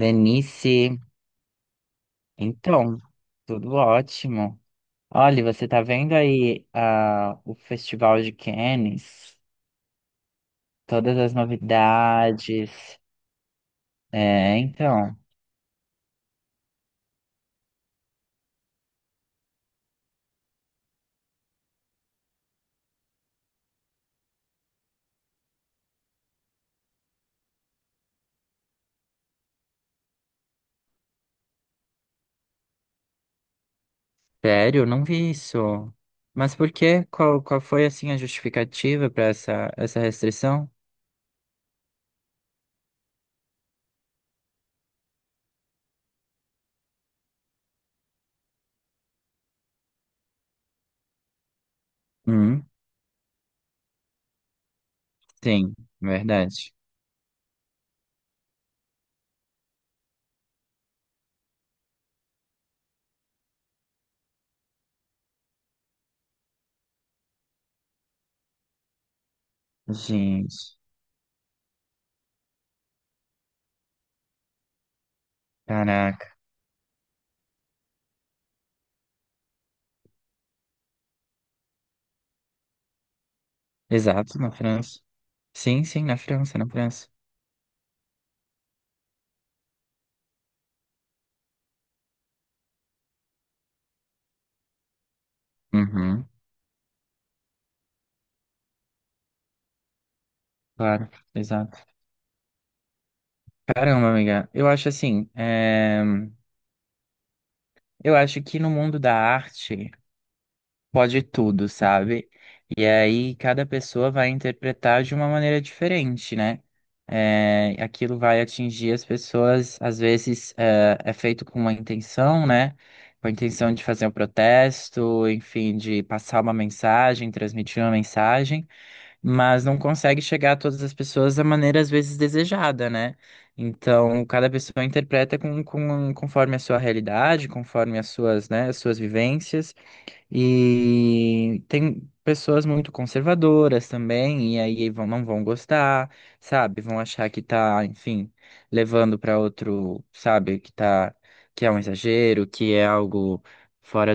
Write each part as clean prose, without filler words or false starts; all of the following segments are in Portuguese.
Lenice, então, tudo ótimo. Olha, você tá vendo aí o Festival de Cannes? Todas as novidades. É, então. Sério, não vi isso. Mas por quê? Qual foi, assim, a justificativa para essa restrição? Hum, sim, verdade. Gente, caraca. Exato, na França. Sim, sim, na França, na França. Uhum, claro, exato. Caramba, amiga, eu acho assim, eu acho que no mundo da arte pode tudo, sabe? E aí cada pessoa vai interpretar de uma maneira diferente, né? Aquilo vai atingir as pessoas, às vezes é feito com uma intenção, né? Com a intenção de fazer um protesto, enfim, de passar uma mensagem, transmitir uma mensagem, mas não consegue chegar a todas as pessoas da maneira às vezes desejada, né? Então, cada pessoa interpreta conforme a sua realidade, conforme as suas, né, as suas vivências, e tem pessoas muito conservadoras também, e aí vão, não vão gostar, sabe? Vão achar que tá, enfim, levando para outro, sabe, que tá, que é um exagero, que é algo fora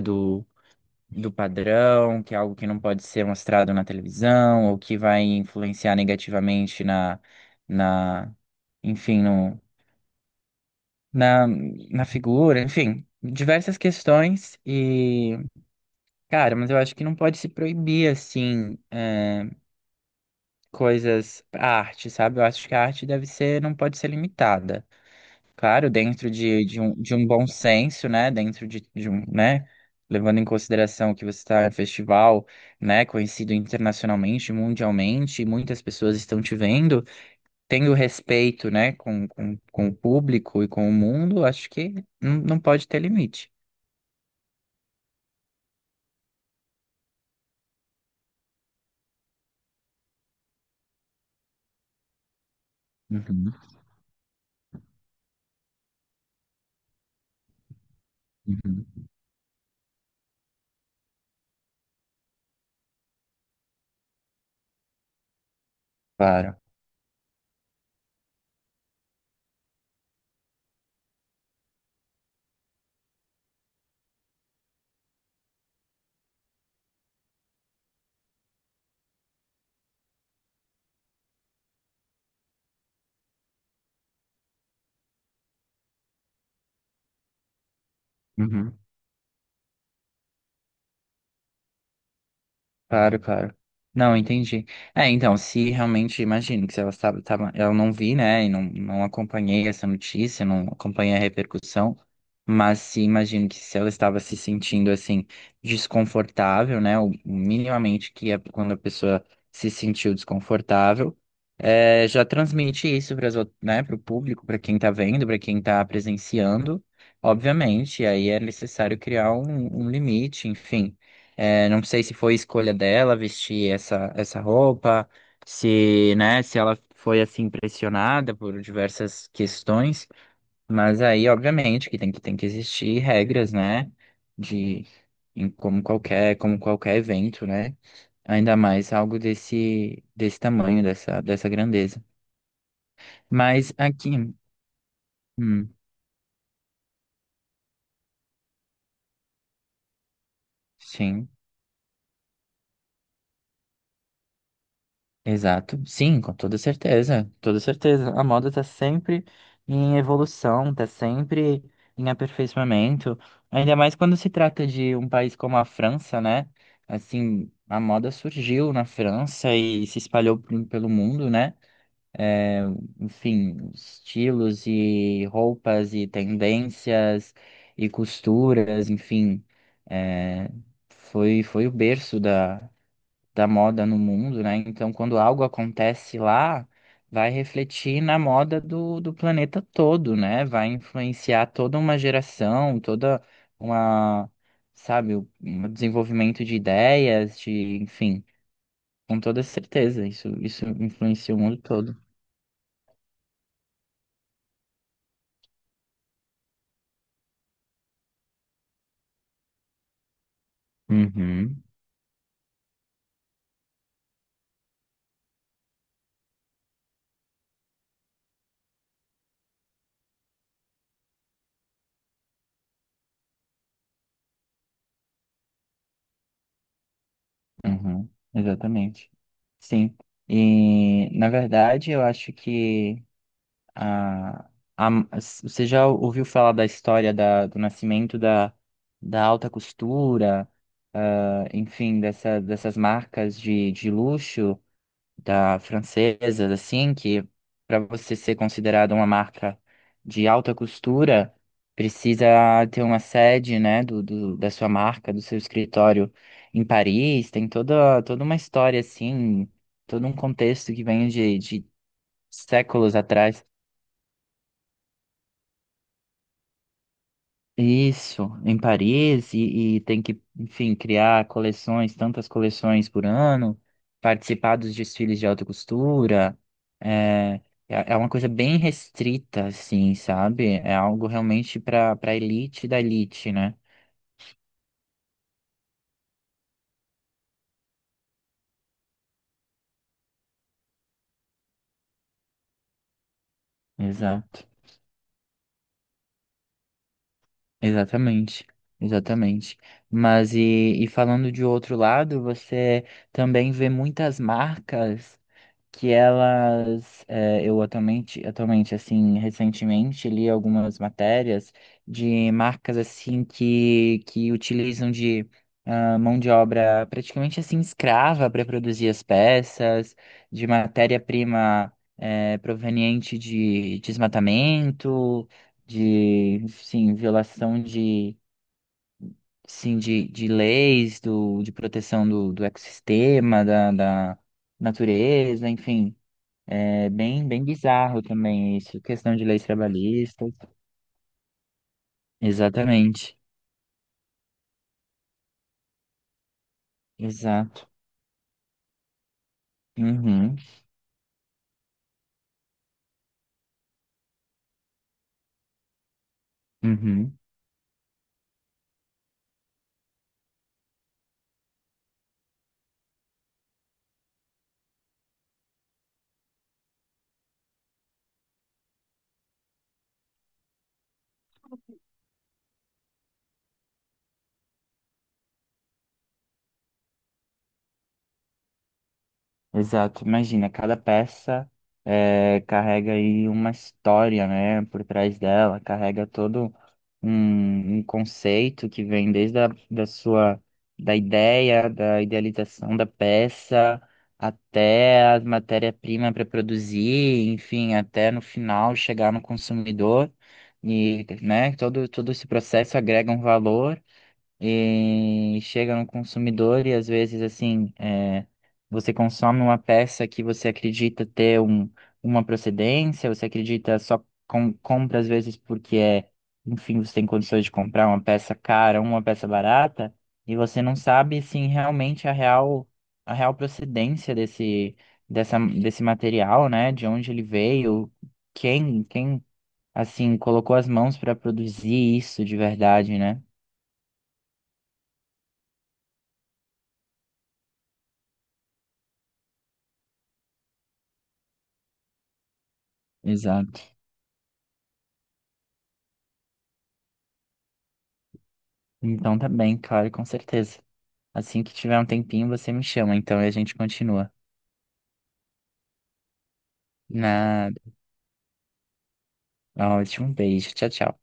do padrão, que é algo que não pode ser mostrado na televisão, ou que vai influenciar negativamente na, enfim, no, na figura, enfim, diversas questões e, cara, mas eu acho que não pode se proibir, assim, é, coisas, a arte, sabe? Eu acho que a arte deve ser, não pode ser limitada. Claro, dentro de um bom senso, né? Dentro né? Levando em consideração que você está em um festival, né? Conhecido internacionalmente, mundialmente, e muitas pessoas estão te vendo, tendo respeito, né? Com o público e com o mundo, acho que não pode ter limite. Uhum, uhum. Claro. Uhum. Claro, claro. Não, entendi. É, então, se realmente, imagino que se ela eu não vi, né, e não acompanhei essa notícia, não acompanhei a repercussão, mas se imagino que se ela estava se sentindo, assim, desconfortável, né, o minimamente que é quando a pessoa se sentiu desconfortável, é, já transmite isso para, né, para o público, para quem tá vendo, para quem tá presenciando, obviamente, aí é necessário criar um limite, enfim. É, não sei se foi escolha dela vestir essa roupa, se, né, se ela foi assim pressionada por diversas questões, mas aí, obviamente, que tem que existir regras, né, de em como qualquer evento, né? Ainda mais algo desse tamanho, dessa grandeza. Mas aqui, hum, sim. Exato. Sim, com toda certeza. Toda certeza. A moda tá sempre em evolução, tá sempre em aperfeiçoamento. Ainda mais quando se trata de um país como a França, né? Assim, a moda surgiu na França e se espalhou pelo mundo, né? Enfim, estilos e roupas e tendências e costuras, enfim. É, foi o berço da moda no mundo, né? Então, quando algo acontece lá, vai refletir na moda do planeta todo, né? Vai influenciar toda uma geração, toda uma, sabe, um desenvolvimento de ideias, de, enfim, com toda certeza, isso influencia o mundo todo. Uhum, uhum, exatamente. Sim. E, na verdade, eu acho que Ah, a- você já ouviu falar da história da, do nascimento da alta costura, ah, enfim, dessas marcas de luxo da francesas, assim, que para você ser considerada uma marca de alta costura, precisa ter uma sede, né, da sua marca, do seu escritório em Paris, tem toda, toda uma história, assim, todo um contexto que vem de séculos atrás. Isso, em Paris, e tem que, enfim, criar coleções, tantas coleções por ano, participar dos desfiles de alta costura. É, é uma coisa bem restrita, assim, sabe? É algo realmente para elite da elite, né? Exato, exatamente, exatamente. Mas e falando de outro lado, você também vê muitas marcas. Que elas, eh, eu atualmente, assim, recentemente li algumas matérias de marcas, assim, que utilizam de mão de obra praticamente, assim, escrava para produzir as peças, de matéria-prima, proveniente de desmatamento, de, sim, violação de... Sim, de leis de proteção do ecossistema, da natureza, enfim. É bem bizarro também isso, questão de leis trabalhistas. Exatamente. Exato. Uhum. Uhum. Exato, imagina, cada peça, carrega aí uma história, né, por trás dela, carrega todo um, um conceito que vem desde a da sua, da ideia, da idealização da peça, até a matéria-prima para produzir, enfim, até no final chegar no consumidor, e, né, todo, todo esse processo agrega um valor e chega no consumidor e às vezes assim é, você consome uma peça que você acredita ter um, uma procedência, você acredita só compra às vezes porque é, enfim, você tem condições de comprar uma peça cara, uma peça barata, e você não sabe assim realmente a real procedência desse desse material, né? De onde ele veio, quem assim colocou as mãos para produzir isso de verdade, né? Exato. Então tá bem, claro, com certeza. Assim que tiver um tempinho, você me chama, então, e a gente continua. Nada. Ótimo, um beijo. Tchau, tchau.